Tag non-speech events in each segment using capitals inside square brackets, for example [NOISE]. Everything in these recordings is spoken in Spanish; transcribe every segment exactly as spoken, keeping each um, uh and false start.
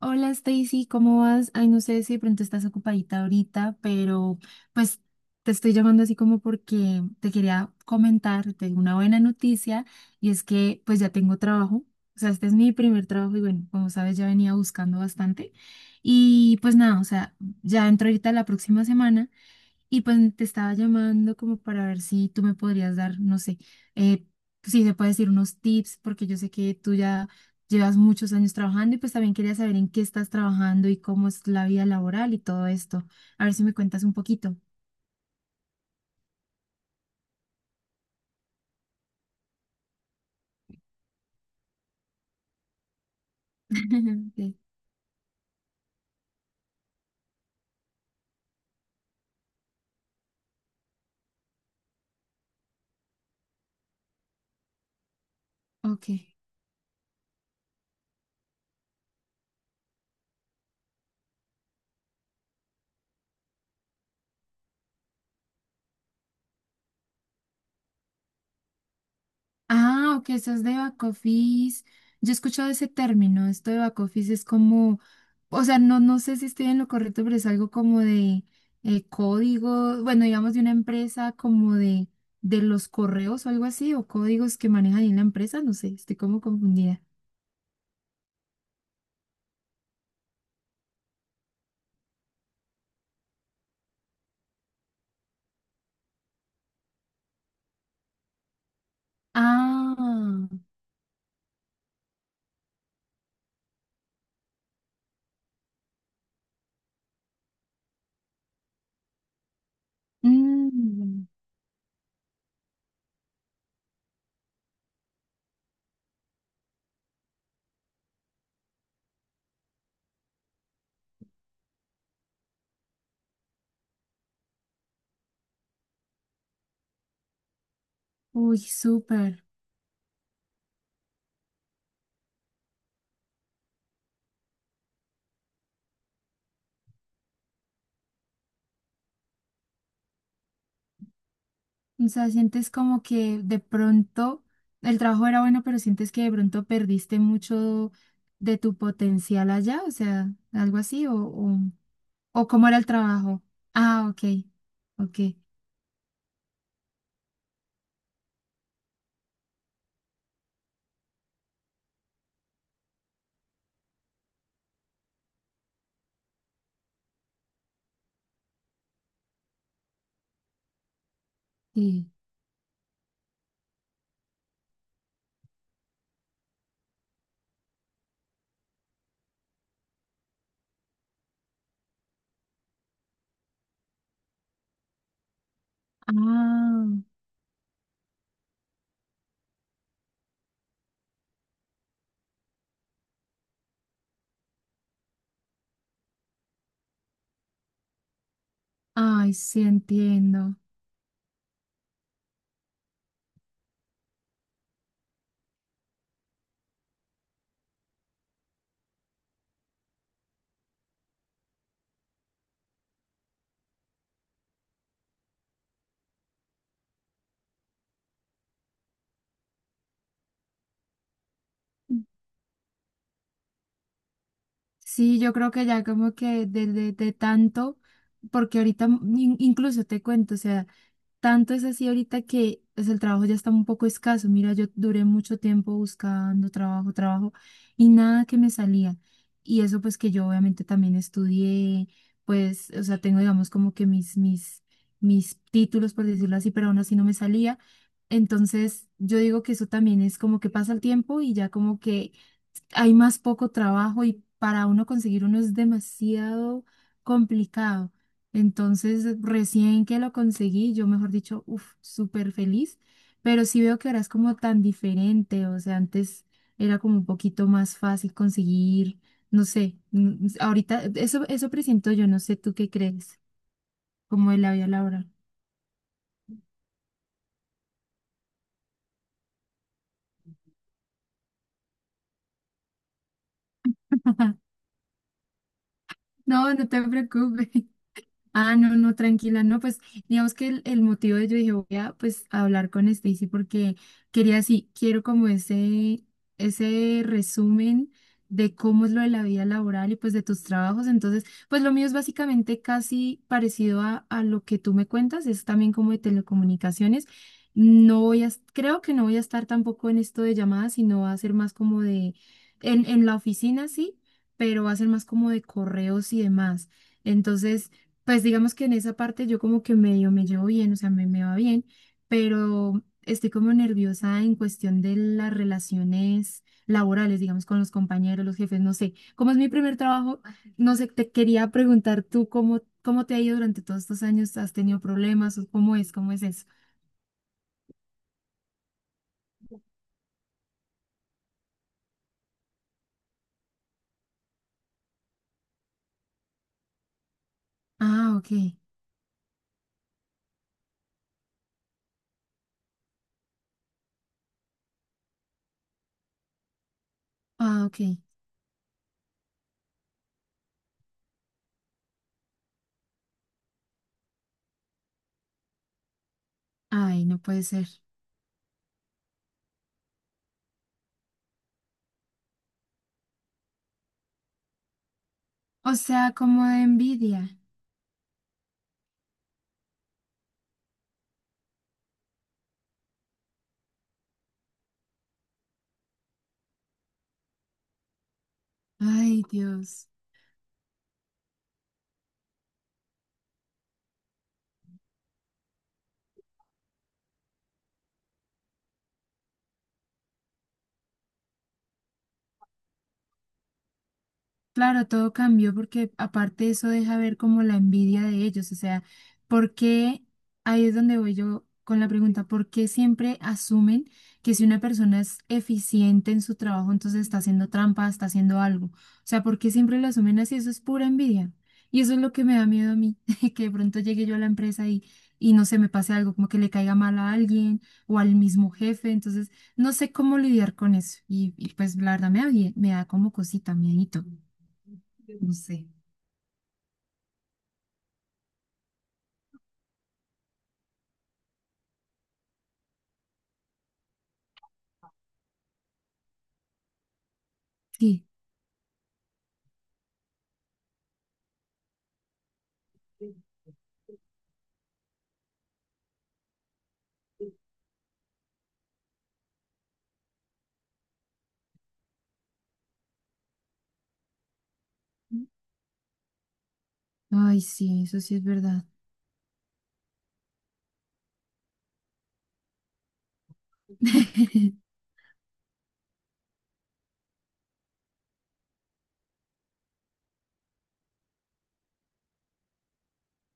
Hola Stacy, ¿cómo vas? Ay, no sé si de pronto estás ocupadita ahorita, pero pues te estoy llamando así como porque te quería comentar, tengo una buena noticia y es que pues ya tengo trabajo, o sea, este es mi primer trabajo y bueno, como sabes ya venía buscando bastante y pues nada, o sea, ya entro ahorita la próxima semana y pues te estaba llamando como para ver si tú me podrías dar, no sé, eh, si se puede decir unos tips, porque yo sé que tú ya llevas muchos años trabajando y pues también quería saber en qué estás trabajando y cómo es la vida laboral y todo esto. A ver si me cuentas un poquito. [LAUGHS] Sí. Ok. Ah, ok, eso es de back office. Yo he escuchado ese término, esto de back office es como, o sea, no, no sé si estoy en lo correcto, pero es algo como de eh, código, bueno, digamos de una empresa como de, de los correos o algo así, o códigos que manejan en la empresa, no sé, estoy como confundida. Ah, mm, uy, súper. O sea, sientes como que de pronto el trabajo era bueno, pero sientes que de pronto perdiste mucho de tu potencial allá, o sea, algo así, o, o, o cómo era el trabajo. Ah, ok, ok, sí. Ah, ay, sí entiendo. Sí, yo creo que ya como que de, de, de tanto, porque ahorita in- incluso te cuento, o sea, tanto es así ahorita que pues, el trabajo ya está un poco escaso. Mira, yo duré mucho tiempo buscando trabajo, trabajo y nada que me salía. Y eso pues que yo obviamente también estudié, pues, o sea, tengo digamos como que mis, mis, mis títulos, por decirlo así, pero aún así no me salía. Entonces, yo digo que eso también es como que pasa el tiempo y ya como que hay más poco trabajo y para uno conseguir uno es demasiado complicado. Entonces, recién que lo conseguí, yo mejor dicho, uff, súper feliz, pero sí veo que ahora es como tan diferente, o sea, antes era como un poquito más fácil conseguir, no sé, mm, ahorita eh, eso, eso presiento yo, no sé tú qué crees, como de la vida laboral. [LAUGHS] No, no te preocupes. Ah, no, no, tranquila, no, pues digamos que el, el motivo de yo dije voy a pues a hablar con Stacy porque quería sí, quiero como ese, ese resumen de cómo es lo de la vida laboral y pues de tus trabajos. Entonces, pues lo mío es básicamente casi parecido a, a lo que tú me cuentas, es también como de telecomunicaciones. No voy a, es- creo que no voy a estar tampoco en esto de llamadas, sino va a ser más como de, en, en la oficina sí, pero va a ser más como de correos y demás. Entonces, pues digamos que en esa parte yo como que medio me llevo bien, o sea, me, me va bien, pero estoy como nerviosa en cuestión de las relaciones laborales, digamos, con los compañeros, los jefes, no sé. Como es mi primer trabajo, no sé, te quería preguntar tú cómo, cómo te ha ido durante todos estos años, ¿has tenido problemas o cómo es, cómo es eso? Ah, ok, ah, ok. Ay, no puede ser. O sea, como de envidia. Ay, Dios. Claro, todo cambió porque aparte eso deja ver como la envidia de ellos, o sea, ¿por qué? Ahí es donde voy yo con la pregunta, ¿por qué siempre asumen que si una persona es eficiente en su trabajo, entonces está haciendo trampa, está haciendo algo? O sea, ¿por qué siempre lo asumen así? Eso es pura envidia. Y eso es lo que me da miedo a mí, [LAUGHS] que de pronto llegue yo a la empresa y, y no se me pase algo, como que le caiga mal a alguien o al mismo jefe, entonces no sé cómo lidiar con eso. Y, y pues la verdad me da, mie- me da como cosita, miedito. No sé. Sí. Ay, sí, eso sí es verdad. [LAUGHS]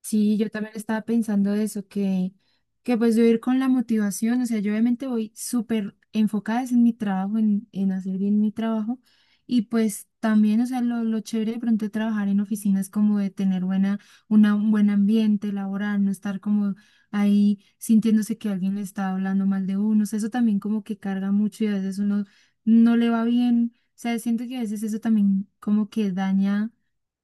Sí, yo también estaba pensando eso, que, que pues yo ir con la motivación, o sea, yo obviamente voy súper enfocada es en mi trabajo, en, en hacer bien mi trabajo, y pues también, o sea, lo, lo chévere de pronto de trabajar en oficinas como de tener buena, una, un buen ambiente laboral, no estar como ahí sintiéndose que alguien le está hablando mal de uno, o sea, eso también como que carga mucho y a veces uno no le va bien, o sea, siento que a veces eso también como que daña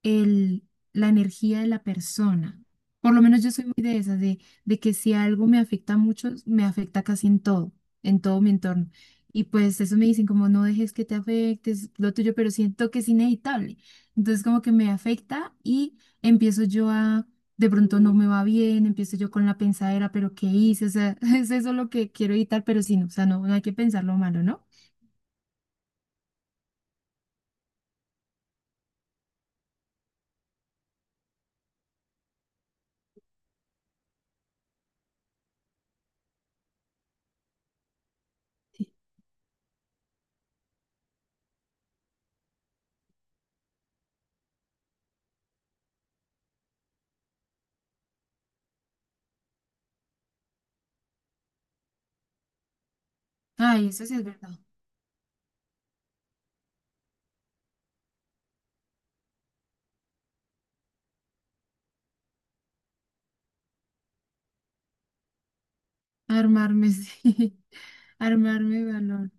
el la energía de la persona. Por lo menos yo soy muy de esas, de, de que si algo me afecta mucho, me afecta casi en todo, en todo mi entorno. Y pues eso me dicen como no dejes que te afecte, es lo tuyo, pero siento que es inevitable. Entonces como que me afecta y empiezo yo a, de pronto no me va bien, empiezo yo con la pensadera, pero ¿qué hice? O sea, [LAUGHS] es eso lo que quiero evitar, pero sí, no, o sea, no, no hay que pensar lo malo, ¿no? Ay, eso sí es verdad. Armarme, [LAUGHS] sí. Armarme de valor.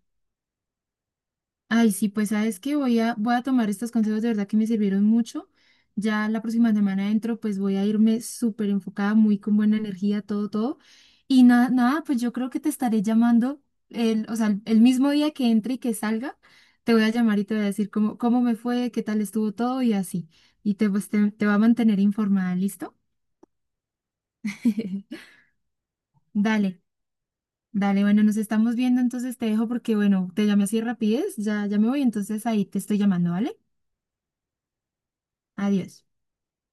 Ay, sí, pues sabes que voy a, voy a tomar estos consejos de verdad que me sirvieron mucho. Ya la próxima semana entro, pues voy a irme súper enfocada, muy con buena energía, todo, todo. Y nada, nada, pues yo creo que te estaré llamando, el, o sea, el, el mismo día que entre y que salga, te voy a llamar y te voy a decir cómo, cómo me fue, qué tal estuvo todo y así. Y te, pues, te, te va a mantener informada, ¿listo? [LAUGHS] Dale, dale, bueno, nos estamos viendo, entonces te dejo porque, bueno, te llamé así rapidez, ya, ya me voy, entonces ahí te estoy llamando, ¿vale? Adiós.